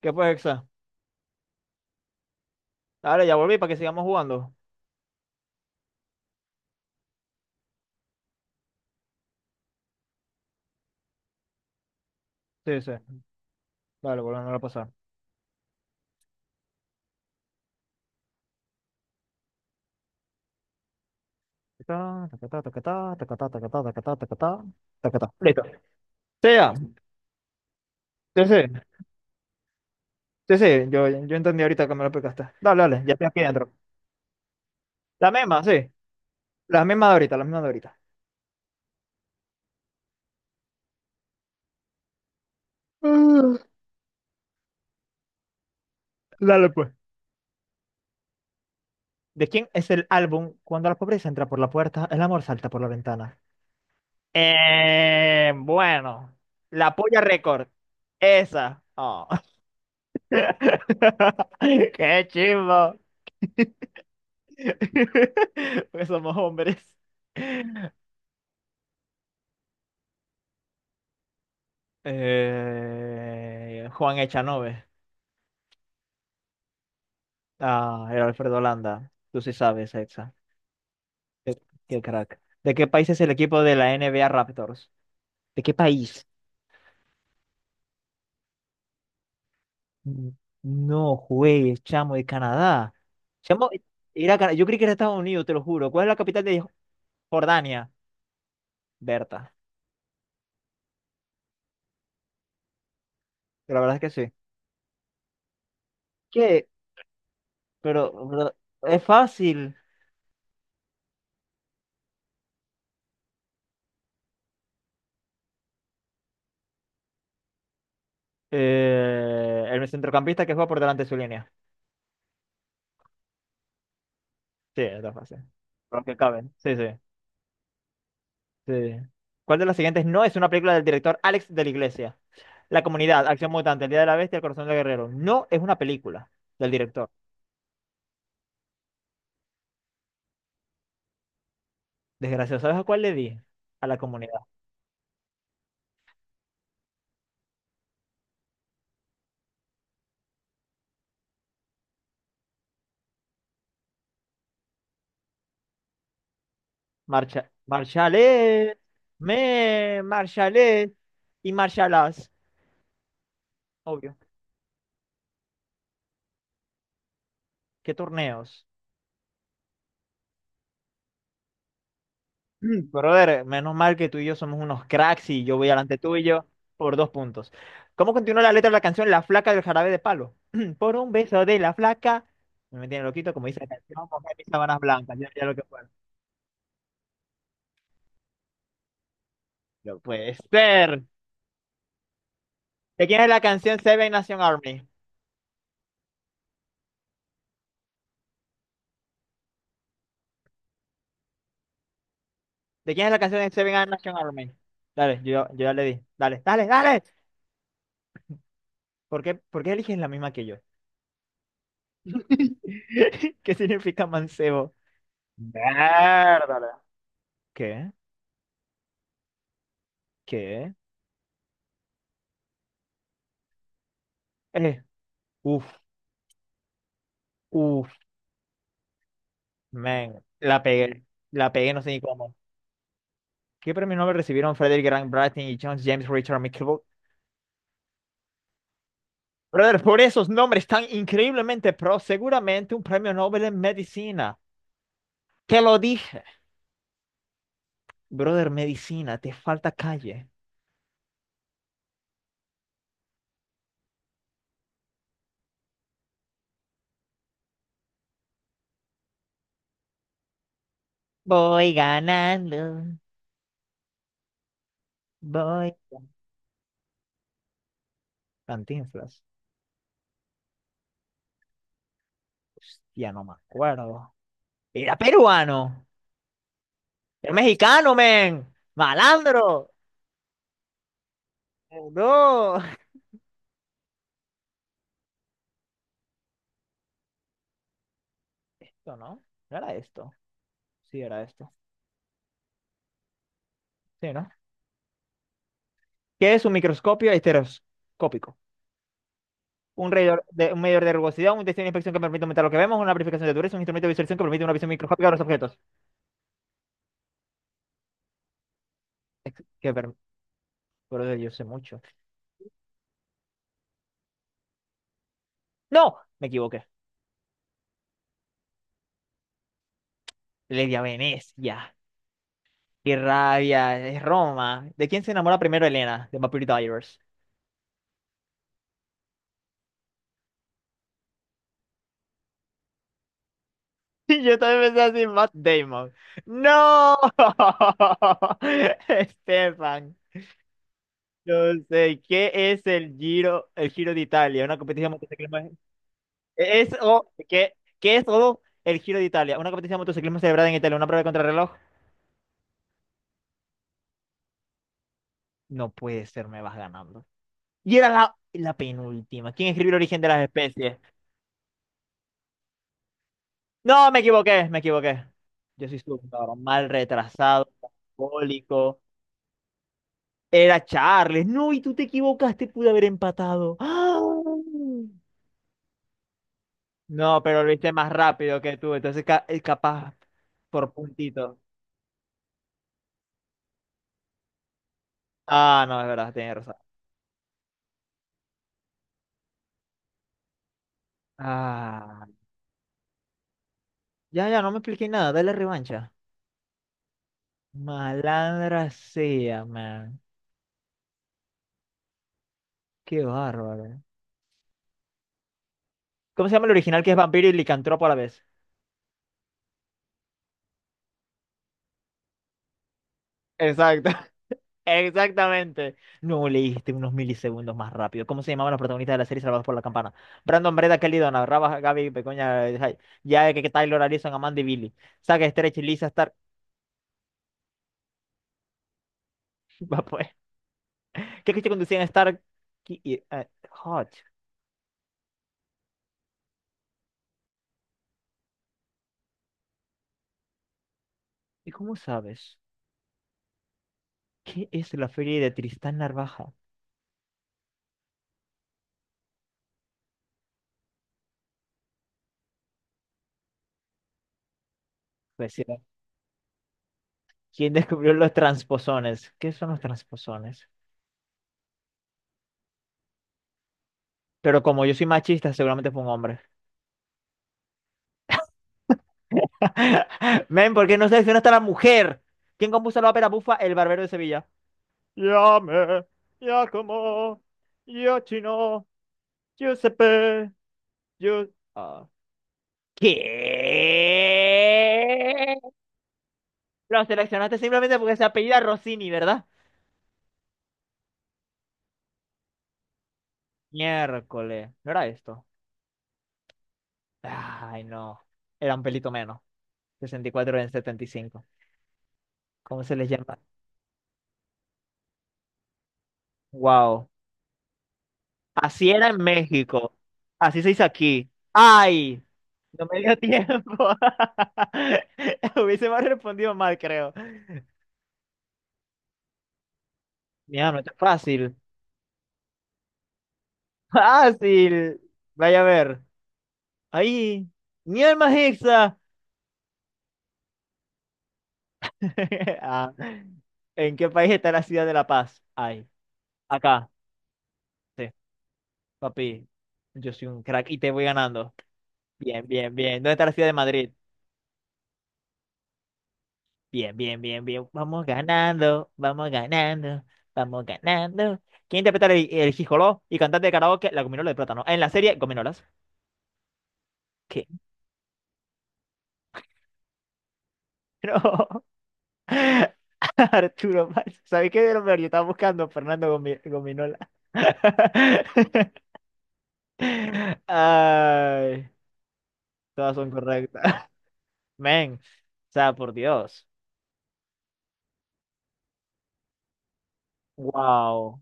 ¿Qué pues, Exa? Dale, ya volví para que sigamos jugando. Sí, sí. Dale, volvemos a pasar. Ta, ta, ta, ta, ta, ta, ta, ta, ta, ta, ta, ta, ta, ta, ta, ta, ta, ta. Listo. Sí, ya. Sí, sí. Sí, sí. Yo entendí ahorita que me lo explicaste. Dale, dale. Ya estoy aquí dentro. La misma, sí. La misma de ahorita, la misma de ahorita. Ah, Dale, pues. ¿De quién es el álbum Cuando la pobreza entra por la puerta, el amor salta por la ventana? Bueno. La polla récord. Esa. Oh. Qué chimbo. Porque somos hombres. Juan Echanove. Ah, era Alfredo Landa. Tú sí sabes, Exa. Qué, qué crack. ¿De qué país es el equipo de la NBA Raptors? ¿De qué país? Mm, No juegues, chamo, de Canadá. Chamo, era Cana- Yo creí que era Estados Unidos, te lo juro. ¿Cuál es la capital de Jordania? Berta. La verdad es que sí. ¿Qué? Pero es fácil. El centrocampista que juega por delante de su línea. Sí, está fácil. Por lo que cabe. Sí, sí, sí. ¿Cuál de las siguientes no es una película del director Alex de la Iglesia? La Comunidad, Acción Mutante, El Día de la Bestia, El Corazón del Guerrero. No es una película del director. Desgraciado, ¿sabes a cuál le di? A la comunidad. Marcha, marchale, me, marchale y marchalas. Obvio. ¿Qué torneos? Brother, menos mal que tú y yo somos unos cracks y yo voy adelante tuyo por 2 puntos. ¿Cómo continúa la letra de la canción La flaca del jarabe de palo? Por un beso de la flaca. No, me tiene loquito, como dice la canción, mojar mis sábanas blancas. Ya, ya lo que fue. No puede ser. ¿De quién es la canción Seven Nation Army? ¿De quién es la canción de Seven Nation Army? Dale, yo ya le di. Dale, dale, dale. Por qué eliges la misma que yo? ¿Qué significa mancebo? Mierda. ¿Qué? ¿Qué? Eh, Uf. Uf, man, la pegué. La pegué, no sé ni cómo. ¿Qué premio Nobel recibieron Frederick Grant Bratton y John James Richard McKibble? Brother, por esos nombres tan increíblemente pro, seguramente un premio Nobel en medicina. Te lo dije. Brother, medicina, te falta calle. Voy ganando, voy. Cantinflas. Hostia, no me acuerdo. Era peruano. Era mexicano, men. Malandro. No. Esto, ¿no? ¿No era esto? Sí, era esto. Sí, ¿no? ¿Qué es un microscopio estereoscópico? Un medidor de rugosidad, un test de inspección que permite aumentar lo que vemos, una amplificación de dureza, un instrumento de visualización que permite una visión microscópica de los objetos. Que per... Pero yo sé mucho. ¡No! Me equivoqué. Le di a Venecia. ¡Qué rabia! Es Roma. ¿De quién se enamora primero Elena? De Vampire Diaries. Y yo también pensé así, Matt Damon. ¡No! Estefan. No sé, ¿qué es el Giro de Italia? Una competición motociclismo. Es, o, ¿qué, qué es todo el Giro de Italia? Una competencia de motociclismo celebrada en Italia, una prueba de contrarreloj. No puede ser, me vas ganando. Y era la, la penúltima. ¿Quién escribió el origen de las especies? No, me equivoqué, me equivoqué. Yo soy súper mal retrasado, alcohólico. Era Charles. No, y tú te equivocaste, pude haber empatado. ¡Ah! No, pero lo hice más rápido que tú, entonces ca- capaz por puntito. Ah, no, es verdad, tienes razón. Ah. Ya, ya, no me expliqué nada. Dale revancha. Malandra sea, man. Qué bárbaro. ¿Cómo se llama el original que es vampiro y licantropo a la vez? Exacto. Exactamente. No leíste unos milisegundos más rápido. ¿Cómo se llamaban los protagonistas de la serie Salvados por la Campana? Brandon, Breda, Kelly, Donna, Raba, Gaby, Pecoña, Jai- ya que Taylor, Alison Amanda y Billy. Saga, Stretch, Lisa, Stark. Va, pues. ¿Qué coche conducían Stark Ki- y Hutch? ¿Y cómo sabes? ¿Qué es la feria de Tristán Narvaja? Pues sí, ¿quién descubrió los transposones? ¿Qué son los transposones? Pero como yo soy machista, seguramente fue un hombre. Men, ¿por qué no seleccionaste a la mujer? ¿Quién compuso la ópera bufa El Barbero de Sevilla? Llame, Giacomo, Giochino, Giuseppe, Giu- Ah. ¿Qué? Lo seleccionaste simplemente porque se apellida Rossini, ¿verdad? Miércoles. ¿No era esto? Ay, no. Era un pelito menos. 64 en 75. ¿Cómo se les llama? Wow. Así era en México. Así se hizo aquí. ¡Ay! No me dio tiempo. Hubiese más respondido mal, creo. Mira, no está fácil. Fácil. Vaya a ver. Ahí. Mi alma es hexa. Ah, ¿en qué país está la ciudad de La Paz? Ay. Acá. Sí, papi. Yo soy un crack y te voy ganando. Bien, bien, bien. ¿Dónde está la ciudad de Madrid? Bien, bien, bien, bien. Vamos ganando, vamos ganando, vamos ganando. ¿Quién interpreta el Jijoló y cantante de karaoke La Gominola de Plátano? En la serie Gominolas. ¿Qué? No, Arturo Valls. ¿Sabes qué de lo peor? Yo estaba buscando Fernando Gomi- Gominola. Ay, todas son correctas. Men, o sea, por Dios. Wow.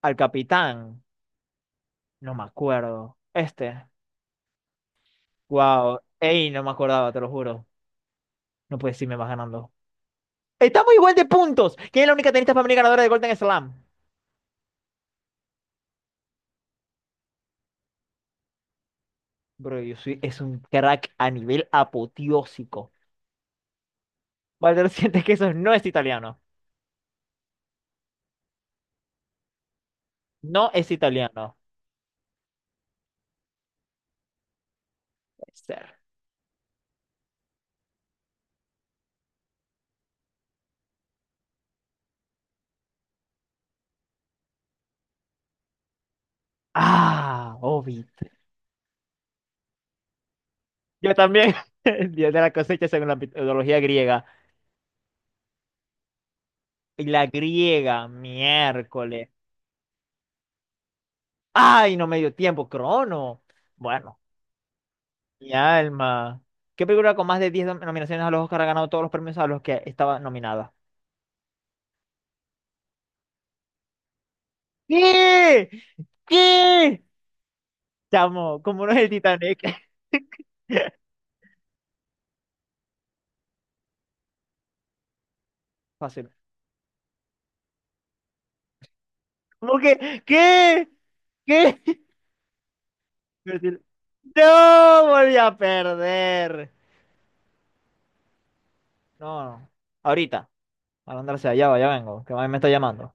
Al capitán, no me acuerdo. Este, wow. Ey, no me acordaba, te lo juro. No puedes decirme vas ganando. Estamos igual de puntos. ¿Quién es la única tenista femenina ganadora de Golden Slam? Bro, yo soy, es un crack a nivel apoteósico. Valder siente que eso no es italiano. No es italiano. Puede ser. Ah, Ovid. Yo también. El dios de la cosecha según la mitología griega. Y la griega, miércoles. Ay, no me dio tiempo, Crono. Bueno, mi alma. ¿Qué película con más de 10 nominaciones a los Oscar ha ganado todos los premios a los que estaba nominada? ¿Qué? ¿Qué? Chamo, ¿cómo no es el Titanic? Fácil. ¿Cómo que? ¿Qué? ¿Qué? Pero si- No, volví a perder. No, no. Ahorita. Para andarse allá, va, ya vengo. Que mami me está llamando.